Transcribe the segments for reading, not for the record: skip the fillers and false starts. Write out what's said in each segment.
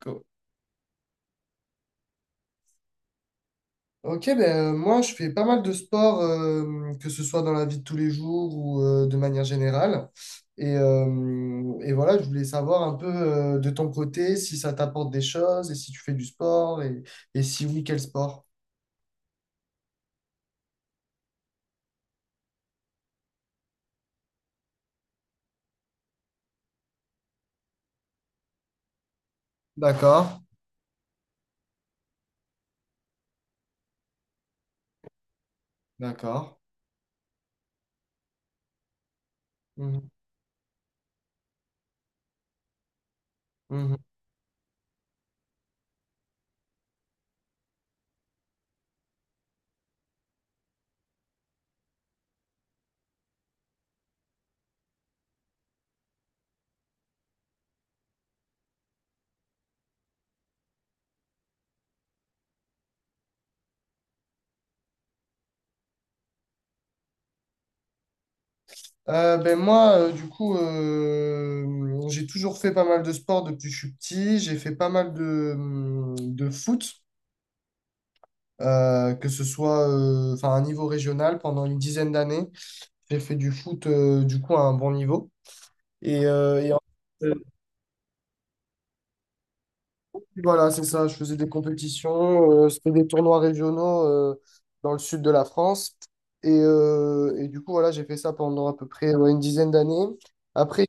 Co- Ok, ben, Moi je fais pas mal de sport, que ce soit dans la vie de tous les jours ou de manière générale. Et voilà, je voulais savoir un peu de ton côté si ça t'apporte des choses et si tu fais du sport et si oui, quel sport? D'accord, d'accord. Mhm, mhm. Ben moi, du coup, j'ai toujours fait pas mal de sport depuis que je suis petit. J'ai fait pas mal de foot. Que ce soit enfin, à un niveau régional pendant une dizaine d'années. J'ai fait du foot du coup à un bon niveau. Et, euh, et en- euh, voilà, c'est ça, je faisais des compétitions, c'était des tournois régionaux dans le sud de la France. Et du coup, voilà, j'ai fait ça pendant à peu près ouais, une dizaine d'années. Après,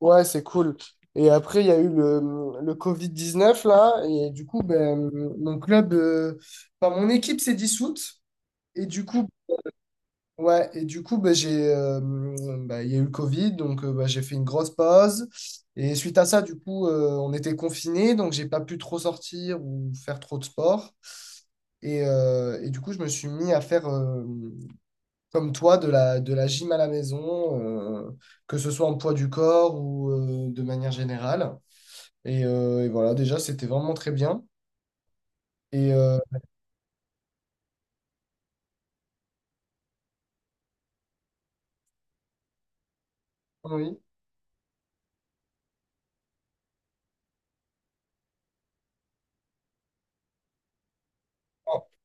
ouais, c'est cool. Et après, il y a eu le Covid-19, là. Et du coup, ben, mon club, enfin, mon équipe s'est dissoute. Et du coup, ouais, et du coup, bah, bah, il y a eu le Covid, donc bah, j'ai fait une grosse pause. Et suite à ça, du coup, on était confinés, donc j'ai pas pu trop sortir ou faire trop de sport. Et du coup, je me suis mis à faire, comme toi, de la gym à la maison, que ce soit en poids du corps ou de manière générale. Et voilà, déjà, c'était vraiment très bien. Et euh, oui.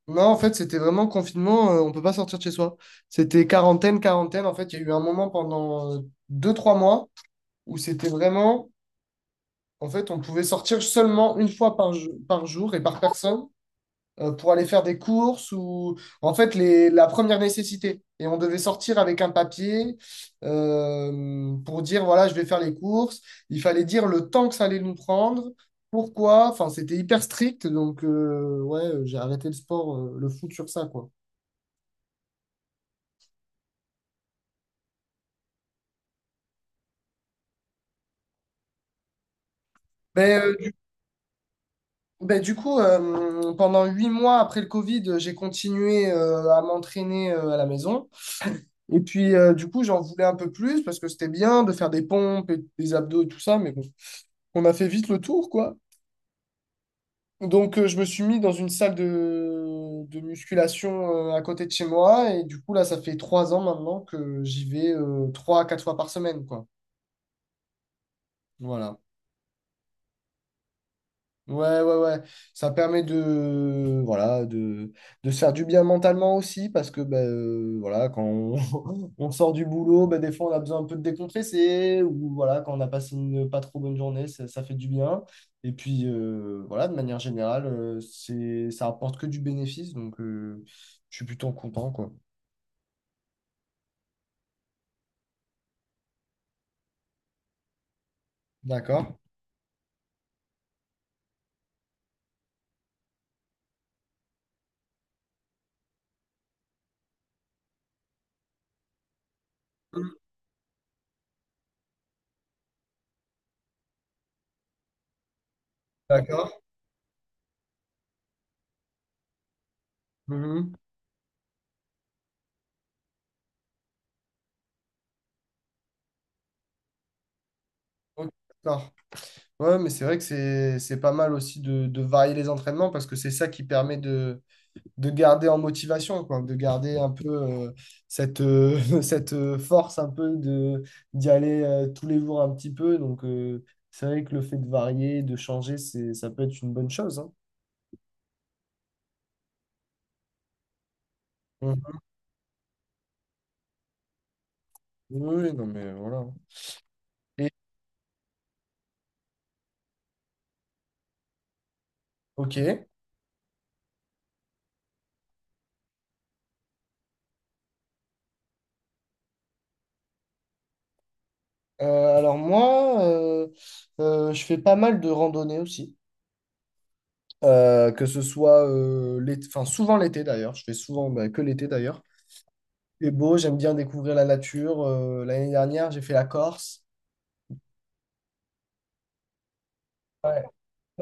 Non, en fait, c'était vraiment confinement, on peut pas sortir de chez soi. C'était quarantaine, quarantaine. En fait, il y a eu un moment pendant deux, trois mois où c'était vraiment, en fait, on pouvait sortir seulement une fois par jour et par personne pour aller faire des courses ou, en fait, la première nécessité. Et on devait sortir avec un papier pour dire, voilà, je vais faire les courses. Il fallait dire le temps que ça allait nous prendre. Pourquoi? Enfin, c'était hyper strict, donc ouais, j'ai arrêté le sport, le foot sur ça, quoi. Ben, euh, ben, du coup, pendant huit mois après le Covid, j'ai continué à m'entraîner à la maison. Et puis, du coup, j'en voulais un peu plus parce que c'était bien de faire des pompes et des abdos et tout ça, mais bon, on a fait vite le tour, quoi. Donc, je me suis mis dans une salle de musculation à côté de chez moi. Et du coup, là, ça fait trois ans maintenant que j'y vais trois à quatre fois par semaine, quoi. Voilà. Ouais, ouais, ouais. Ça permet de, voilà, de se faire du bien mentalement aussi, parce que ben, voilà, quand on, on sort du boulot, ben, des fois on a besoin un peu de décompresser, ou voilà, quand on a passé une pas trop bonne journée, ça fait du bien. Et puis voilà, de manière générale, c'est, ça apporte que du bénéfice, donc je suis plutôt content, quoi. D'accord. Mhm. D'accord. Mhm. Ok, d'accord. Ouais, mais c'est vrai que c'est pas mal aussi de varier les entraînements, parce que c'est ça qui permet de garder en motivation, quoi, de garder un peu cette, cette force un peu de d'y aller tous les jours un petit peu. Donc, c'est vrai que le fait de varier, de changer, c'est, ça peut être une bonne chose, hein. Mhm. Oui, oui, non, mais voilà. Et, ok. Alors moi, je fais pas mal de randonnées aussi. Que ce soit l'été, enfin souvent l'été d'ailleurs. Je fais souvent bah, que l'été d'ailleurs. C'est beau, j'aime bien découvrir la nature. L'année dernière, j'ai fait la Corse.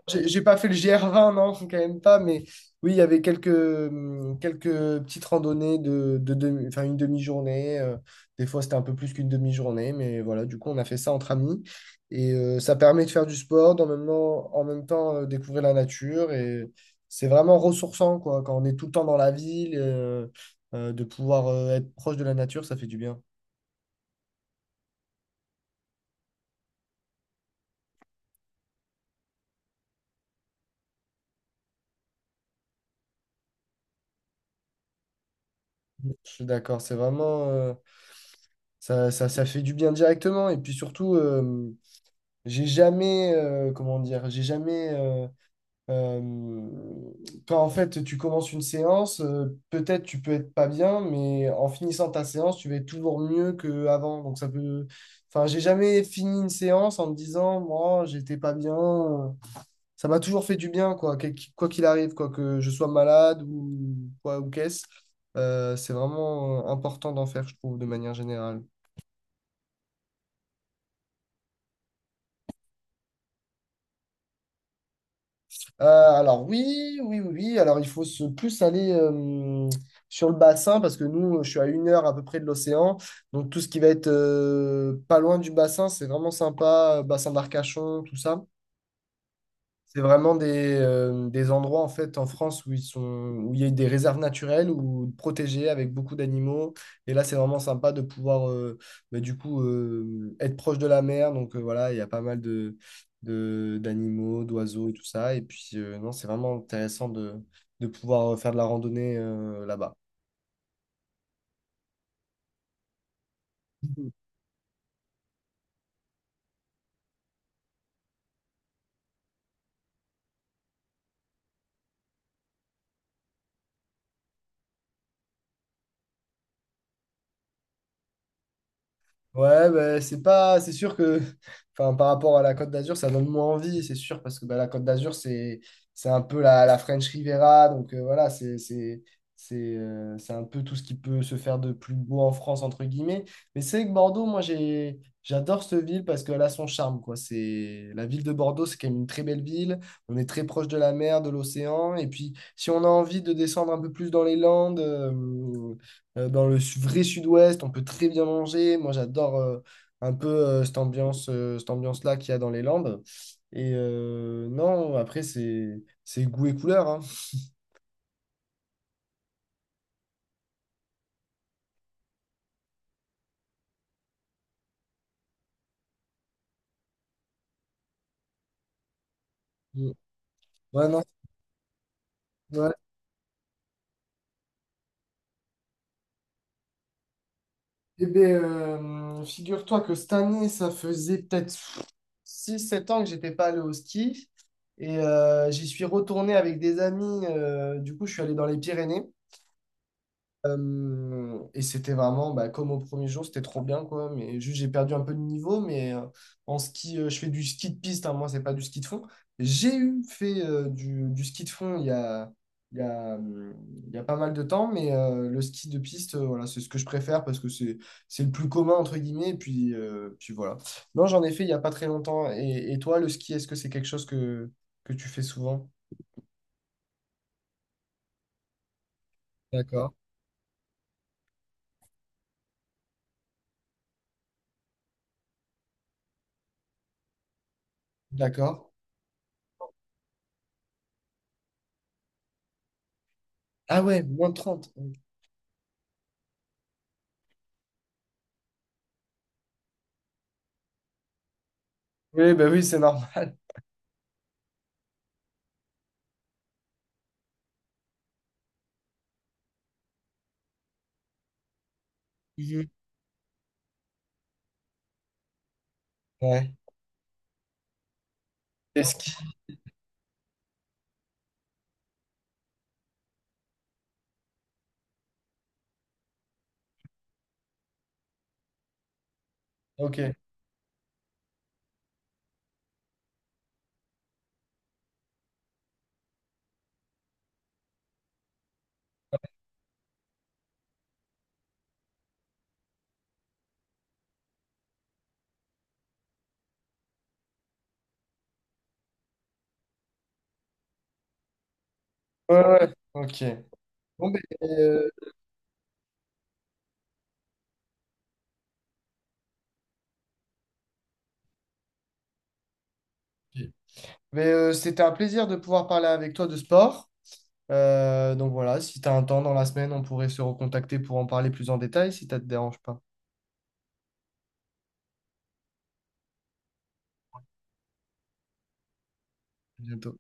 J'ai pas fait le GR20, non, faut quand même pas, mais oui, il y avait quelques petites randonnées enfin, une demi-journée. Des fois, c'était un peu plus qu'une demi-journée, mais voilà, du coup, on a fait ça entre amis. Ça permet de faire du sport, en même temps découvrir la nature. Et c'est vraiment ressourçant, quoi, quand on est tout le temps dans la ville, de pouvoir être proche de la nature, ça fait du bien. Je suis d'accord, c'est vraiment, ça, ça, ça fait du bien directement. Et puis surtout, j'ai jamais, comment dire, j'ai jamais, euh, quand en fait tu commences une séance, peut-être tu peux être pas bien, mais en finissant ta séance, tu vas être toujours mieux qu'avant. Donc ça peut, enfin, j'ai jamais fini une séance en me disant, moi, j'étais pas bien. Ça m'a toujours fait du bien, quoi, quoi qu'il arrive, quoi que je sois malade ou quoi ou qu'est-ce. C'est vraiment important d'en faire, je trouve, de manière générale. Alors oui, oui, oui, oui. Alors il faut se plus aller sur le bassin parce que nous, je suis à une heure à peu près de l'océan. Donc tout ce qui va être pas loin du bassin, c'est vraiment sympa. Bassin d'Arcachon, tout ça. C'est vraiment des endroits en fait en France où ils sont où il y a des réserves naturelles ou protégées avec beaucoup d'animaux. Et là, c'est vraiment sympa de pouvoir bah, du coup être proche de la mer. Donc voilà, il y a pas mal de, d'animaux, d'oiseaux et tout ça. Et puis non, c'est vraiment intéressant de pouvoir faire de la randonnée là-bas. Ouais, bah, c'est pas, c'est sûr que, enfin, par rapport à la Côte d'Azur, ça donne moins envie, c'est sûr, parce que bah, la Côte d'Azur, c'est un peu la French Riviera, donc voilà, c'est un peu tout ce qui peut se faire de plus beau en France, entre guillemets. Mais c'est vrai que Bordeaux, moi, j'adore cette ville parce qu'elle a son charme, quoi. C'est, la ville de Bordeaux, c'est quand même une très belle ville. On est très proche de la mer, de l'océan, et puis si on a envie de descendre un peu plus dans les Landes, dans le vrai sud-ouest, on peut très bien manger. Moi, j'adore un peu cette ambiance, cette ambiance-là qu'il y a dans les Landes. Non, après, c'est goût et couleur, hein. Mm. Ouais, non. Ouais. Eh ben, figure-toi que cette année, ça faisait peut-être six sept ans que j'étais pas allé au ski. J'y suis retourné avec des amis. Du coup, je suis allé dans les Pyrénées. Et c'était vraiment bah, comme au premier jour, c'était trop bien quoi. Mais juste j'ai perdu un peu de niveau, mais en ski, je fais du ski de piste, hein, moi c'est pas du ski de fond. J'ai eu fait du ski de fond il y a, hum, il y a pas mal de temps, mais le ski de piste, voilà, c'est ce que je préfère parce que c'est le plus commun entre guillemets. Et puis, puis voilà. Non, j'en ai fait il y a pas très longtemps. Et toi, le ski, est-ce que c'est quelque chose que tu fais souvent? D'accord. D'accord. Ah ouais, moins de trente. Oui, bah oui, c'est normal. Mhm. Ouais. Desk. Ok. Ouais, ouais. Ok. Bon, ben, euh, ok. Mais, c'était un plaisir de pouvoir parler avec toi de sport. Donc voilà, si tu as un temps dans la semaine, on pourrait se recontacter pour en parler plus en détail si ça te dérange pas. À bientôt.